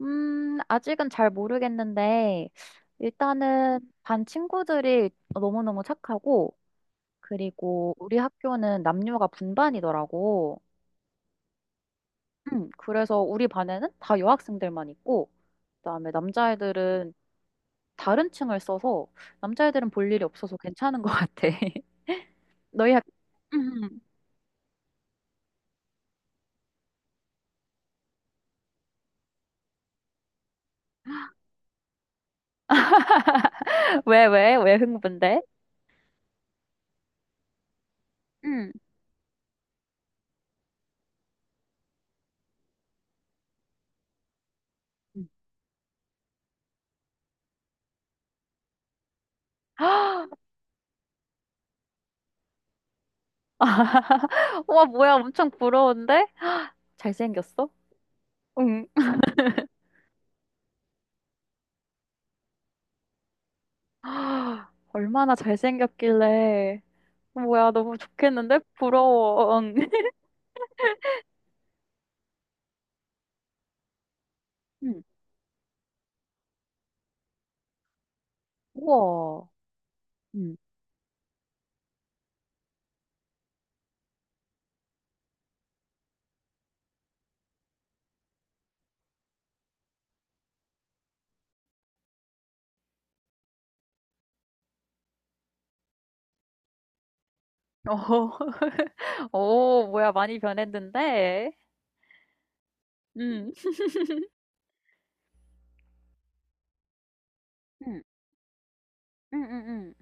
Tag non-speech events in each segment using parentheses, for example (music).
아직은 잘 모르겠는데, 일단은 반 친구들이 너무너무 착하고, 그리고 우리 학교는 남녀가 분반이더라고. 그래서 우리 반에는 다 여학생들만 있고, 그다음에 남자애들은 다른 층을 써서, 남자애들은 볼 일이 없어서 괜찮은 것 같아. (laughs) 너희 학, 음, (laughs) 왜, 왜, 왜 흥분돼? 음. 음. (laughs) 와, 뭐야, 엄청 부러운데? 잘생겼어? 응. 아, 얼마나 잘생겼길래. 뭐야, 너무 좋겠는데? 부러워. (laughs) 응. 우와. 응 어, (laughs) 오, 뭐야, 많이 변했는데? 응. 응, 응, 응, 응.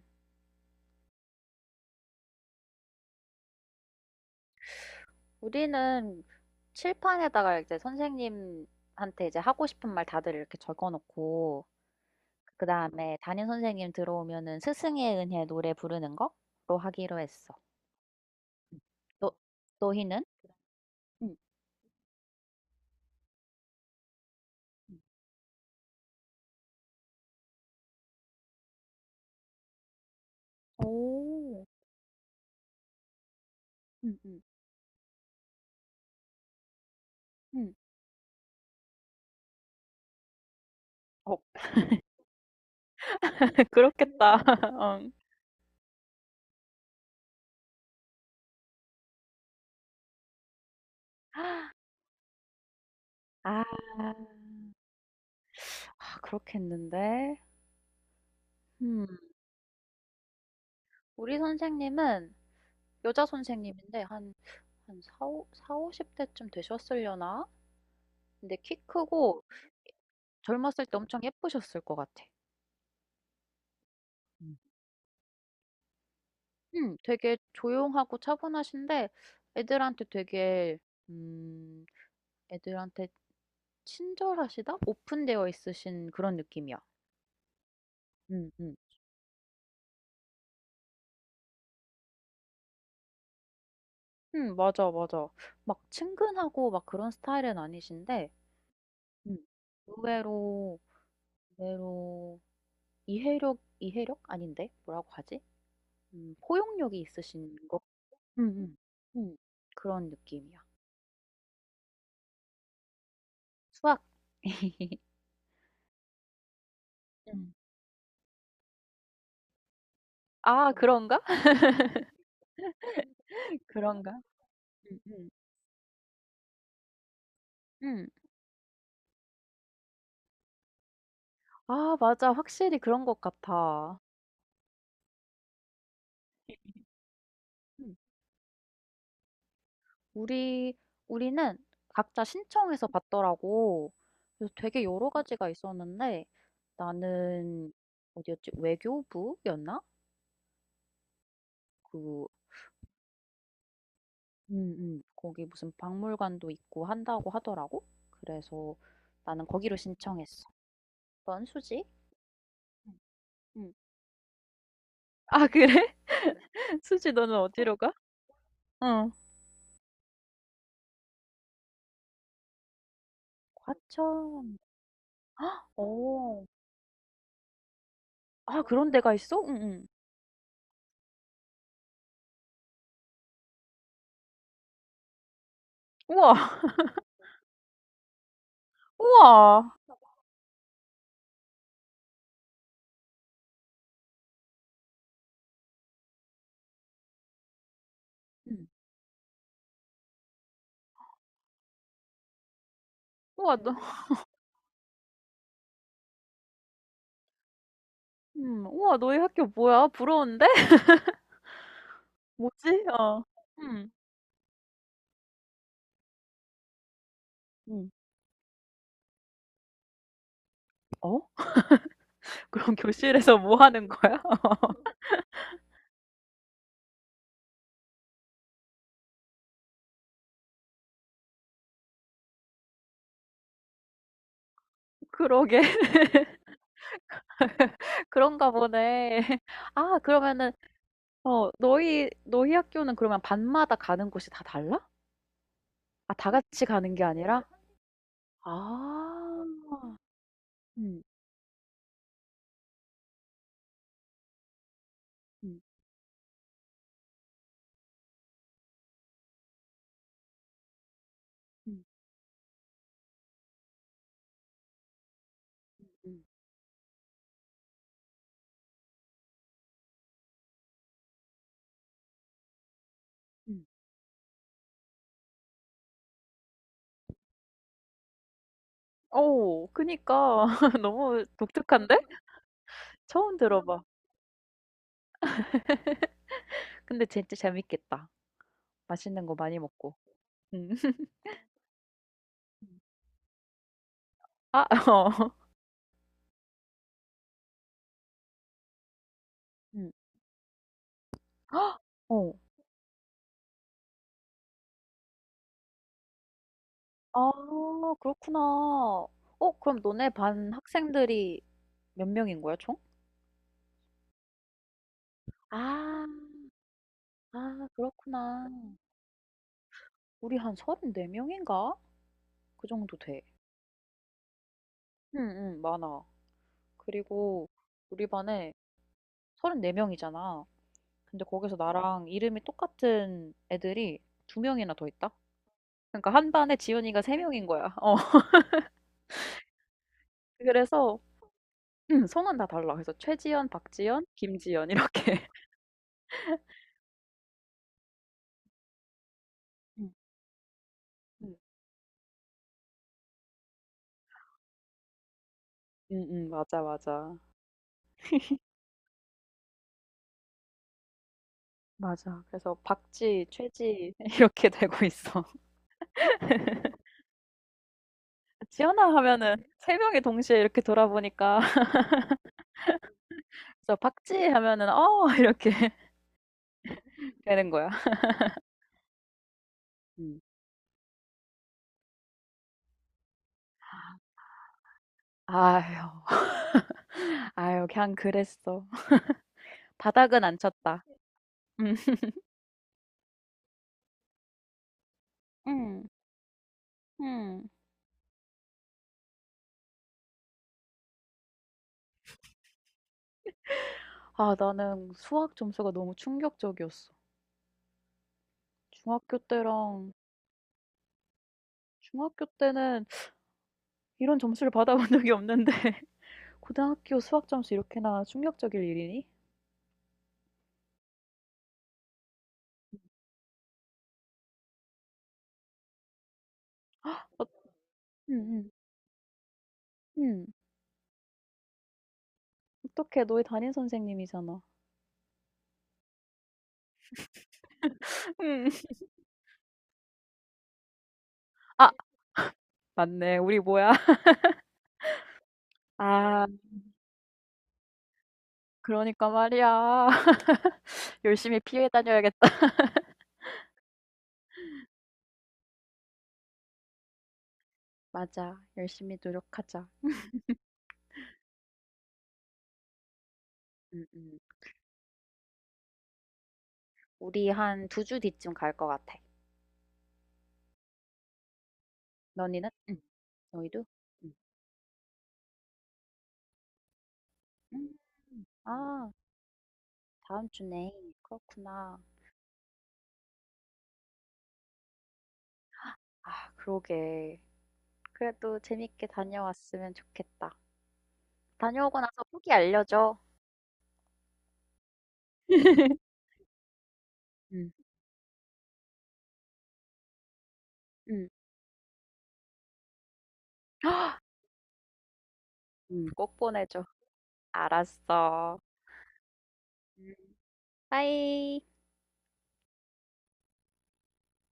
우리는 칠판에다가 이제 선생님한테 이제 하고 싶은 말 다들 이렇게 적어놓고, 그 다음에 담임 선생님 들어오면은 스승의 은혜 노래 부르는 거로 하기로 했어. 너, 너희는? 응, 응, 오. 응 응, 응. 어 (laughs) 그렇겠다. (laughs) 응. 아. 아 그렇겠는데. 음. 우리 선생님은 여자 선생님인데 한 한4사오5 0 대쯤 되셨으려나? 근데 키 크고 젊었을 때 엄청 예쁘셨을 것 같아. 음. 되게 조용하고 차분하신데 애들한테 되게 음 애들한테 친절하시다? 오픈되어 있으신 그런 느낌이야. 음음. 맞아, 맞아. 막 친근하고 막 그런 스타일은 아니신데 음 의외로 의외로 이해력 이해력? 아닌데 뭐라고 하지? 포용력이 있으신 것 음음. 음. 음. 그런 느낌이야. 수학. (laughs) 음. 아 그런가? (laughs) 그런가? 음음. 음. 음. 아 맞아. 확실히 그런 것 같아. 음. 우리 우리는 각자 신청해서 받더라고. 그래서 되게 여러 가지가 있었는데 나는 어디였지? 외교부였나? 그 거기 무슨 박물관도 있고 한다고 하더라고. 그래서 나는 거기로 신청했어. 넌 수지? 응. 응. 아, 그래? (laughs) 수지 너는 어디로 가? 응. 과천. 오. 아, 그런 데가 있어? 응, 응. 우와. (laughs) 우와, 응. 우와, 우와 너희 학교 뭐야? 부러운데? (laughs) 뭐지? 어. 음. 음. 어? (laughs) 그럼 교실에서 뭐 하는 거야? (laughs) 그러게. (laughs) 그런가 보네. (laughs) 아 그러면은 어 너희 학교는 그러면 반마다 가는 곳이 다 달라? 아 다 같이 가는 게 아니라? 아. 음. 음. 음. 음. 음. 어 그니까. (laughs) 너무 독특한데? 처음 들어봐. 근데 진짜 재밌겠다. 맛있는 거 많이 먹고. 음. (laughs) 아 어. 음. 헉! 어. 아 그렇구나. 어 그럼 너네 반 학생들이 몇 명인 거야, 총? 아, 아 그렇구나. 우리 한 34명인가? 그 정도 돼. 응, 응, 많아. 그리고 우리 반에 34명이잖아. 근데 거기서 나랑 이름이 똑같은 애들이 두 명이나 더 있다? 그러니까 한 반에 지연이가 세 명인 거야. 어. (laughs) 그래서 응, 성은 다 달라. 그래서 최지연, 박지연, 김지연 이렇게. (laughs) 응, 응, 응, 응, 맞아, 맞아. 맞아. 그래서 박쥐, 최쥐 (laughs) 이렇게 되고 있어. (laughs) 지연아 하면은 세 명이 동시에 이렇게 돌아보니까 (laughs) 그래서 박쥐 하면은 "어." 이렇게 (laughs) 되는 거야. 음. 아유. 아유 그냥 그랬어. 바닥은 안 쳤다. 음. 음. 음. 아 나는 수학 점수가 너무 충격적이었어. 중학교 때랑 중학교 때는 이런 점수를 받아본 적이 없는데 (laughs) 고등학교 수학 점수 이렇게나 충격적일 일이니? 어 음음. 음. 음. 어떡해. 너희 담임 선생님이잖아. 음. 아, 맞네. 우리 뭐야? 아, 그러니까 말이야. (laughs) 열심히 피해 다녀야겠다. (laughs) 맞아. 열심히 노력하자. 음, 음. 우리 한 두 주 뒤쯤 갈 것 같아. 너희는? 응. 너희도? 응. 음. 아, 다음 주네. 그렇구나. 아, 그러게. 그래도 재밌게 다녀왔으면 좋겠다. 다녀오고 나서 후기 알려줘. (laughs) 응, 응, 응. 꼭 보내줘. 알았어. 음. 빠이.